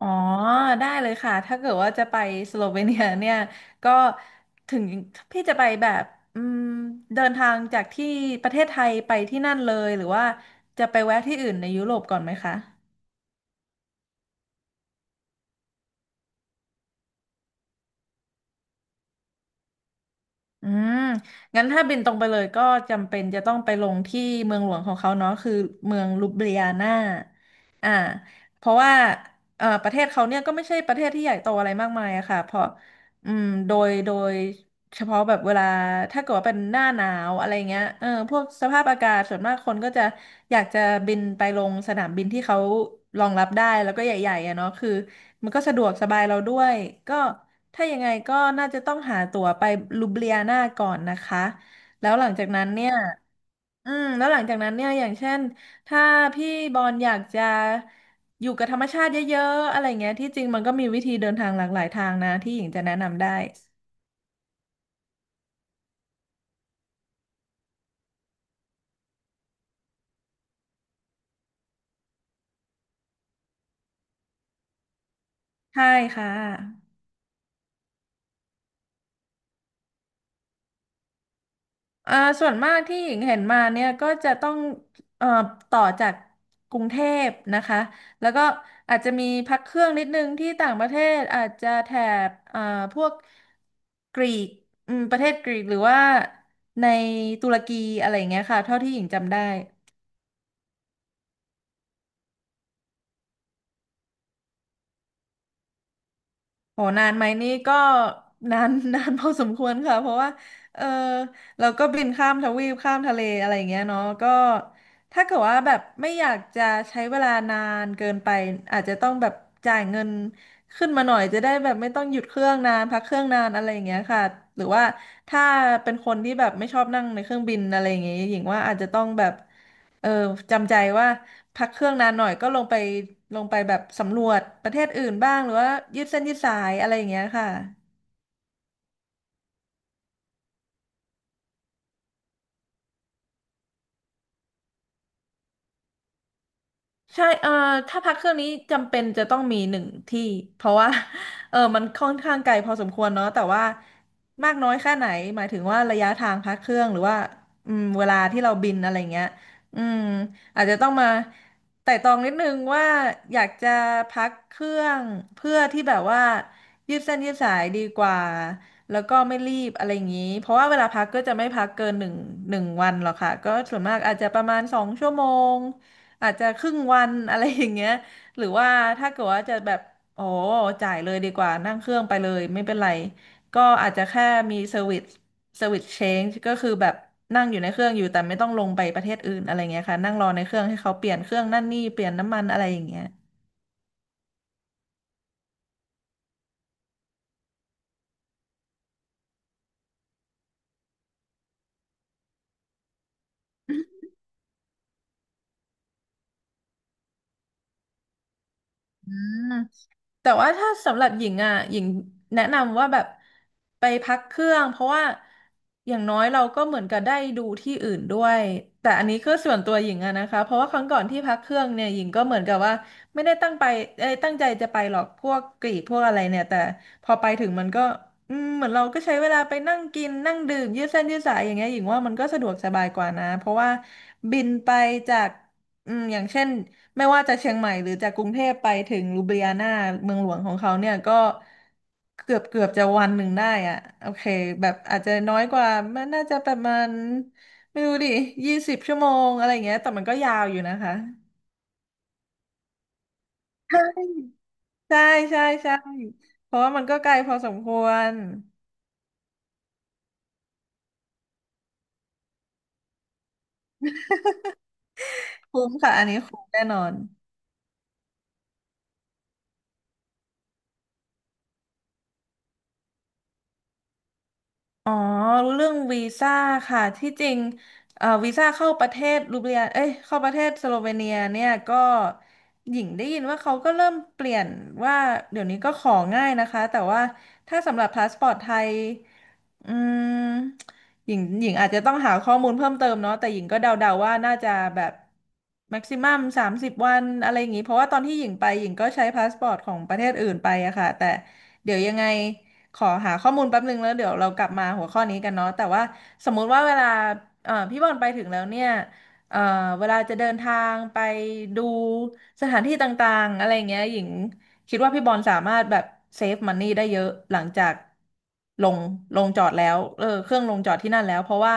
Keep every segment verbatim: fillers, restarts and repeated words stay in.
อ๋อได้เลยค่ะถ้าเกิดว่าจะไปสโลเวเนียเนี่ยก็ถึงพี่จะไปแบบอืมเดินทางจากที่ประเทศไทยไปที่นั่นเลยหรือว่าจะไปแวะที่อื่นในยุโรปก่อนไหมคะ อืมงั้นถ้าบินตรงไปเลยก็จำเป็นจะต้องไปลงที่เมืองหลวงของเขาเนาะคือเมืองลูเบเลียนาอ่า เพราะว่าเอ่อประเทศเขาเนี่ยก็ไม่ใช่ประเทศที่ใหญ่โตอะไรมากมายอะค่ะ เพราะอืมโดยโดยเฉพาะแบบเวลาถ้าเกิดว่าเป็นหน้าหนาวอะไรเงี้ยเออพวกสภาพอากาศส่วนมากคนก็จะอยากจะบินไปลงสนามบินที่เขารองรับได้แล้วก็ใหญ่ๆอะเนาะคือ มันก็สะดวกสบายเราด้วยก็ถ้ายังไงก็น่าจะต้องหาตั๋วไปลูบเลียนาก่อนนะคะแล้วหลังจากนั้นเนี่ยอืมแล้วหลังจากนั้นเนี่ย อย่างเช่น ถ้าพี่บอลอยากจะอยู่กับธรรมชาติเยอะๆอะไรเงี้ยที่จริงมันก็มีวิธีเดินทางหลากหลายทางนะ ที่หญิงจะแนะนำได้ใช่ค่ะ อ่าส่วนมากที่หญิงเห็นมาเนี่ยก็จะต้องเอ่อต่อจากกรุงเทพนะคะแล้วก็อาจจะมีพักเครื่องนิดนึงที่ต่างประเทศอาจจะแถบเอ่อพวกกรีกอืมประเทศกรีกหรือว่าในตุรกีอะไรอย่างเงี้ยค่ะเท่าที่หญิงจำได้ โหนานไหมนี่ก็ นาน นานพอสมควรค่ะเพราะว่าเออเราก็บินข้ามทวีปข้ามทะเลอะไรอย่างเงี้ยเนาะก็ถ้าเกิดว่าแบบไม่อยากจะใช้เวลานานเกินไปอาจจะต้องแบบจ่ายเงินขึ้นมาหน่อยจะได้แบบไม่ต้องหยุดเครื่องนานพักเครื่องนานอะไรอย่างเงี้ยค่ะหรือว่าถ้าเป็นคนที่แบบไม่ชอบนั่งในเครื่องบินอะไรอย่างเงี้ยหญิงว่าอาจจะต้องแบบเออจำใจว่า พักเครื่องนานหน่อยก็ลงไปลงไปแบบสำรวจประเทศอื่นบ้างหรือว่ายืดเส้นยืดสายอะไรอย่างเงี้ยค่ะ ใช่เอ่อถ้าพักเครื่องนี้จำเป็นจะต้องมีหนึ่งที่เพราะว่า เออมันค่อนข้างไกลพอสมควรเนาะแต่ว่ามากน้อยแค่ไหนหมายถึงว่าระยะทางพักเครื่องหรือว่าอืมเวลาที่เราบินอะไรเงี้ยอืมอาจจะต้องมาไต่ตรองนิดนึงว่าอยากจะพักเครื่องเพื่อที่แบบว่ายืดเส้นยืดสายดีกว่าแล้วก็ไม่รีบอะไรอย่างนี้เพราะว่าเวลาพักก็จะไม่พักเกินหนึ่งหนึ่งวันหรอกค่ะก็ส่วนมากอาจจะประมาณสองชั่วโมง อาจจะครึ่งวันอะไรอย่างเงี้ยหรือว่าถ้าเกิดว่าจะแบบโอ้จ่ายเลยดีกว่านั่งเครื่องไปเลยไม่เป็นไรก็อาจจะแค่มีเซอร์วิสเซอร์วิสเชนจ์ก็คือแบบนั่งอยู่ในเครื่องอยู่แต่ไม่ต้องลงไปประเทศอื่นอะไรเงี้ยค่ะนั่งรอในเครื่องให้เขาเปลี่ยนเครื่องนั่นนี่เปลี่ยนน้ำมันอะไรอย่างเงี้ยอืม แต่ว่าถ้าสำหรับหญิงอ่ะหญิงแนะนำว่าแบบไปพักเครื่องเพราะว่าอย่างน้อยเราก็เหมือนกับได้ดูที่อื่นด้วยแต่อันนี้คือส่วนตัวหญิงอะนะคะเพราะว่าครั้งก่อนที่พักเครื่องเนี่ยหญิงก็เหมือนกับว่าไม่ได้ตั้งไปเอ้ยตั้งใจจะไปหรอกพวกกรีกพวกอะไรเนี่ยแต่พอไปถึงมันก็อืมเหมือนเราก็ใช้เวลาไปนั่งกินนั่งดื่มยืดเส้นยืดสายอย่างเงี้ยหญิงว่ามันก็สะดวกสบายกว่านะเพราะว่าบินไปจากอืมอย่างเช่น ไม่ว่าจะเชียงใหม่หรือจากกรุงเทพไปถึงลูเบียนาเมืองหลวงของเขาเนี่ยก็เกือบเกือบจะวันหนึ่งได้อ่ะโอเคแบบอาจจะน้อยกว่ามันน่าจะประมาณไม่รู้ดิยี่สิบชั่วโมงอะไรอย่างเงี้ยแต่มันก็ยาวอยู่นะคะใช่ใช่ใช่ใช่เพราะว่ามันก็ไกลพอสมควรคุ้มค่ะอันนี้คุ้มแน่นอน อ๋อรู้เรื่องวีซ่าค่ะที่จริงเอ่อวีซ่าเข้าประเทศรูเบียเอ้ยเข้าประเทศสโลเวเนียเนี่ยก็หญิงได้ยินว่าเขาก็เริ่มเปลี่ยนว่าเดี๋ยวนี้ก็ของ่ายนะคะแต่ว่าถ้าสำหรับพาสปอร์ตไทยอืมหญิงหญิงอาจจะต้องหาข้อมูลเพิ่มเติมเนาะแต่หญิงก็เดาๆว่าน่าจะแบบแม็กซิมัมสามสิบวันอะไรอย่างนี้เพราะว่าตอนที่หญิงไปหญิงก็ใช้พาสปอร์ตของประเทศอื่นไปอะค่ะแต่เดี๋ยวยังไง ขอหาข้อมูลแป๊บนึงแล้วเดี๋ยวเรากลับมาหัวข้อนี้กันเนาะแต่ว่าสมมุติว่าเวลาเอ่อพี่บอลไปถึงแล้วเนี่ยเอ่อเวลาจะเดินทางไปดูสถานที่ต่างๆอะไรเงี้ยหญิงคิดว่าพี่บอลสามารถแบบเซฟมันนี่ได้เยอะหลังจากลงลงจอดแล้วเออเครื่องลงจอดที่นั่นแล้วเพราะว่า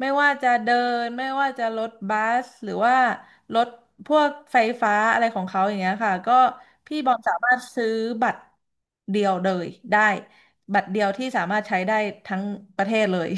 ไม่ว่าจะเดินไม่ว่าจะรถบัสหรือว่ารถพวกไฟฟ้าอะไรของเขาอย่างเงี้ยค่ะก็พี่บอลสามารถซื้อบัตรเดียวเลยได้ บัตรเดียวที่สามารถใช้ได้ทั้งประเทศเลย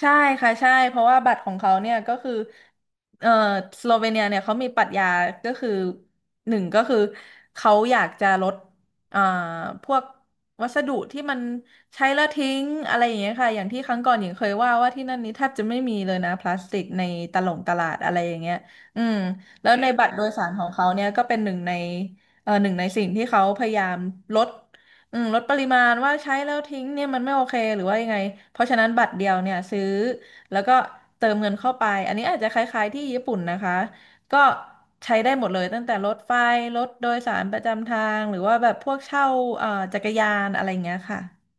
ใช่ค่ะใช่เพราะว่าบัตรของเขาเนี่ยก็คือเอ่อสโลเวเนียเนี่ยเขามีปรัชญาก็คือหนึ่งก็คือเขาอยากจะลดอ่าพวกวัสดุที่มันใช้แล้วทิ้งอะไรอย่างเงี้ยค่ะอย่างที่ครั้งก่อนหญิงเคยว่าว่าที่นั่นนี้แทบจะไม่มีเลยนะพลาสติกในตลงตลาดอะไรอย่างเงี้ยอืมแล้วในบัตรโดยสารของเขาเนี่ยก็เป็นหนึ่งในเออหนึ่งในสิ่งที่เขาพยายามลด อืมลดปริมาณว่าใช้แล้วทิ้งเนี่ยมันไม่โอเคหรือว่ายังไงเพราะฉะนั้นบัตรเดียวเนี่ยซื้อแล้วก็เติมเงินเข้าไปอันนี้อาจจะคล้ายๆที่ญี่ปุ่นนะคะก็ใช้ได้หมดเลยตั้งแต่รถไฟรถโดยสารประจำทางหรือว่าแบบพวกเช่าเอ่อจักรยานอะไรอย่างเงี้ยค่ะ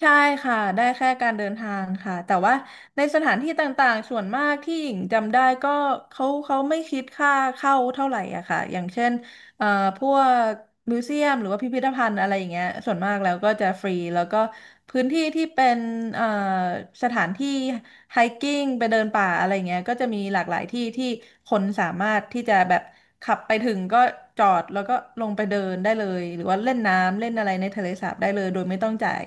ใช่ค่ะ ได้แค่การเดินทางค่ะ แต่ว่าในสถานที่ต่างๆ ส่วนมากที่หญิงจำได้ก็เขาเขาไม่คิดค่าเข้าเท่าไหร่อะค่ะอย่างเช่นเอ่อพวกมิวเซียมหรือว่าพิพิธภัณฑ์อะไรอย่างเงี้ยส่วนมากแล้วก็จะฟรีแล้วก็พื้นที่ที่เป็นเอ่อสถานที่ไฮกิ้งไปเดินป่าอะไรเงี้ยก็จะมีหลากหลายที่ที่คนสามารถที่จะแบบขับไปถึงก็จอดแล้วก็ลงไปเดินได้เลยหรือว่าเล่นน้ำเล่นอะไรในทะเลสาบได้เลยโดยไม่ต้องจ่าย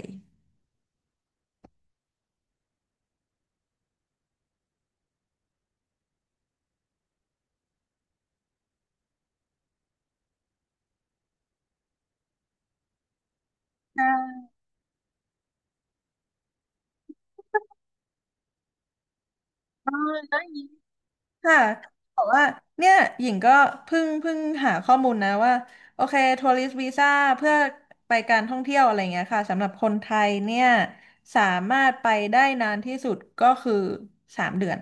ค่ะบอกว่าเนี่ยหญิงก็เพิ่งเพิ่งหาข้อมูลนะว่าโอเคทัวริสต์วีซ่าเพื่อไปการท่องเที่ยวอะไรเงี้ยค่ะสำหรับคนไทยเนี่ยสามารถไปได้นานที่สุดก็คือสามเดือน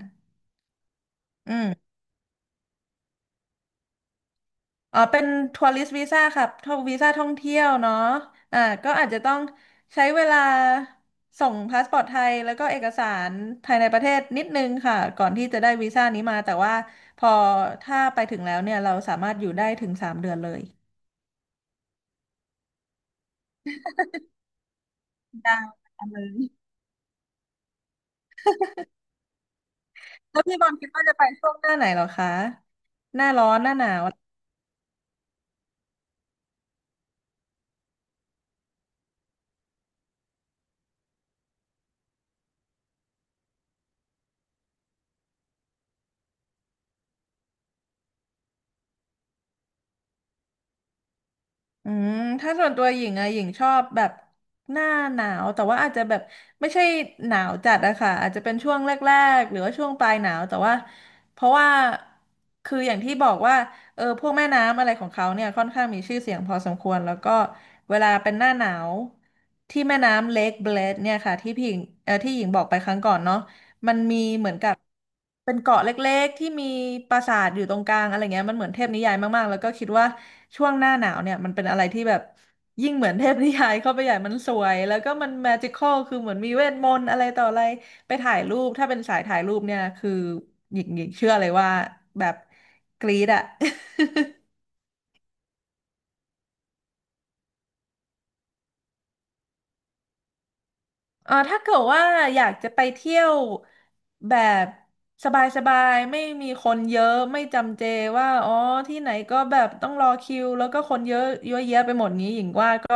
อืม อ๋อเป็นทัวริสต์วีซ่าค่ะทัววีซ่าท่องเที่ยวเนาะอ่าก็อาจจะต้องใช้เวลาส่งพาสปอร์ตไทยแล้วก็เอกสารภายในประเทศนิดนึงค่ะ ก่อนที่จะได้วีซ่านี้มา แต่ว่าพอถ้าไปถึงแล้วเนี่ย เราสามารถอยู่ได้ถึงสามเดือนเลย ได้ค่ะเลย แล้วพี่บอลคิดว่าจะไปช่วงหน้าไหนเหรอคะ อืมถ้าส่วนตัวหญิงอะหญิงชอบแบบหน้าหนาวแต่ว่าอาจจะแบบไม่ใช่หนาวจัดอะค่ะอาจจะเป็นช่วงแรกๆหรือว่าช่วงปลายหนาวแต่ว่าเพราะว่าคืออย่างที่บอกว่าเออพวกแม่น้ำอะไรของเขาเนี่ยค่อนข้างมีชื่อเสียงพอสมควรแล้วก็เวลาเป็นหน้าหนาวที่แม่น้ำเลคเบลดเนี่ยค่ะที่พี่หญิงเออที่หญิงบอกไปครั้งก่อนเนาะ เป็นเกาะเล็กๆที่มีปราสาทอยู่ตรงกลางอะไรเงี้ยมันเหมือนเทพนิยายมากๆแล้วก็คิดว่าช่วงหน้าหนาวเนี่ยมันเป็นอะไรที่แบบยิ่งเหมือนเทพนิยายเข้าไปใหญ่มันสวยแล้วก็มันแมจิคอลคือเหมือนมีเวทมนต์อะไรต่ออะไรไปถ่ายรูปถ้าเป็นสายถ่ายรูปเนี่ยคือหญิงหญิงเชื่อเลยว่าแบบกรี๊ดอะ เออถ้าเกิดว่าอยากจะไปเที่ยวแบบสบายๆไม่มีคนเยอะไม่จำเจว่าอ๋อที่ไหนก็แบบต้องรอคิวแล้วก็คนเยอะเยอะแยะไปหมดนี้หญิงว่าก็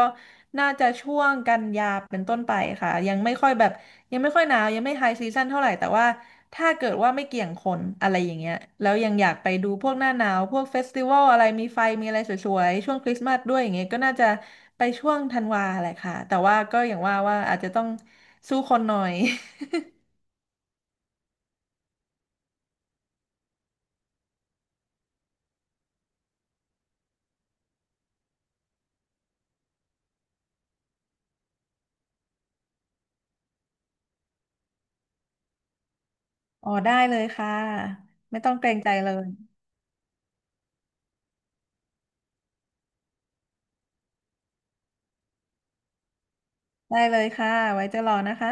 น่าจะช่วงกันยาเป็นต้นไปค่ะยังไม่ค่อยแบบยังไม่ค่อยหนาวยังไม่ไฮซีซั่นเท่าไหร่แต่ว่าถ้าเกิดว่าไม่เกี่ยงคนอะไรอย่างเงี้ยแล้วยังอยากไปดูพวกหน้าหนาวพวกเฟสติวัลอะไรมีไฟมีอะไรสวยๆช่วงคริสต์มาสด้วยอย่างเงี้ยก็น่าจะ ไปช่วงธันวาแหละค่ะแต่ว่าก็อย่างว่าว่าอาจจะต้องสู้คนหน่อย อ๋อได้เลยค่ะไม่ต้องเกรงใจเลยได้เลยค่ะไว้จะรอนะคะ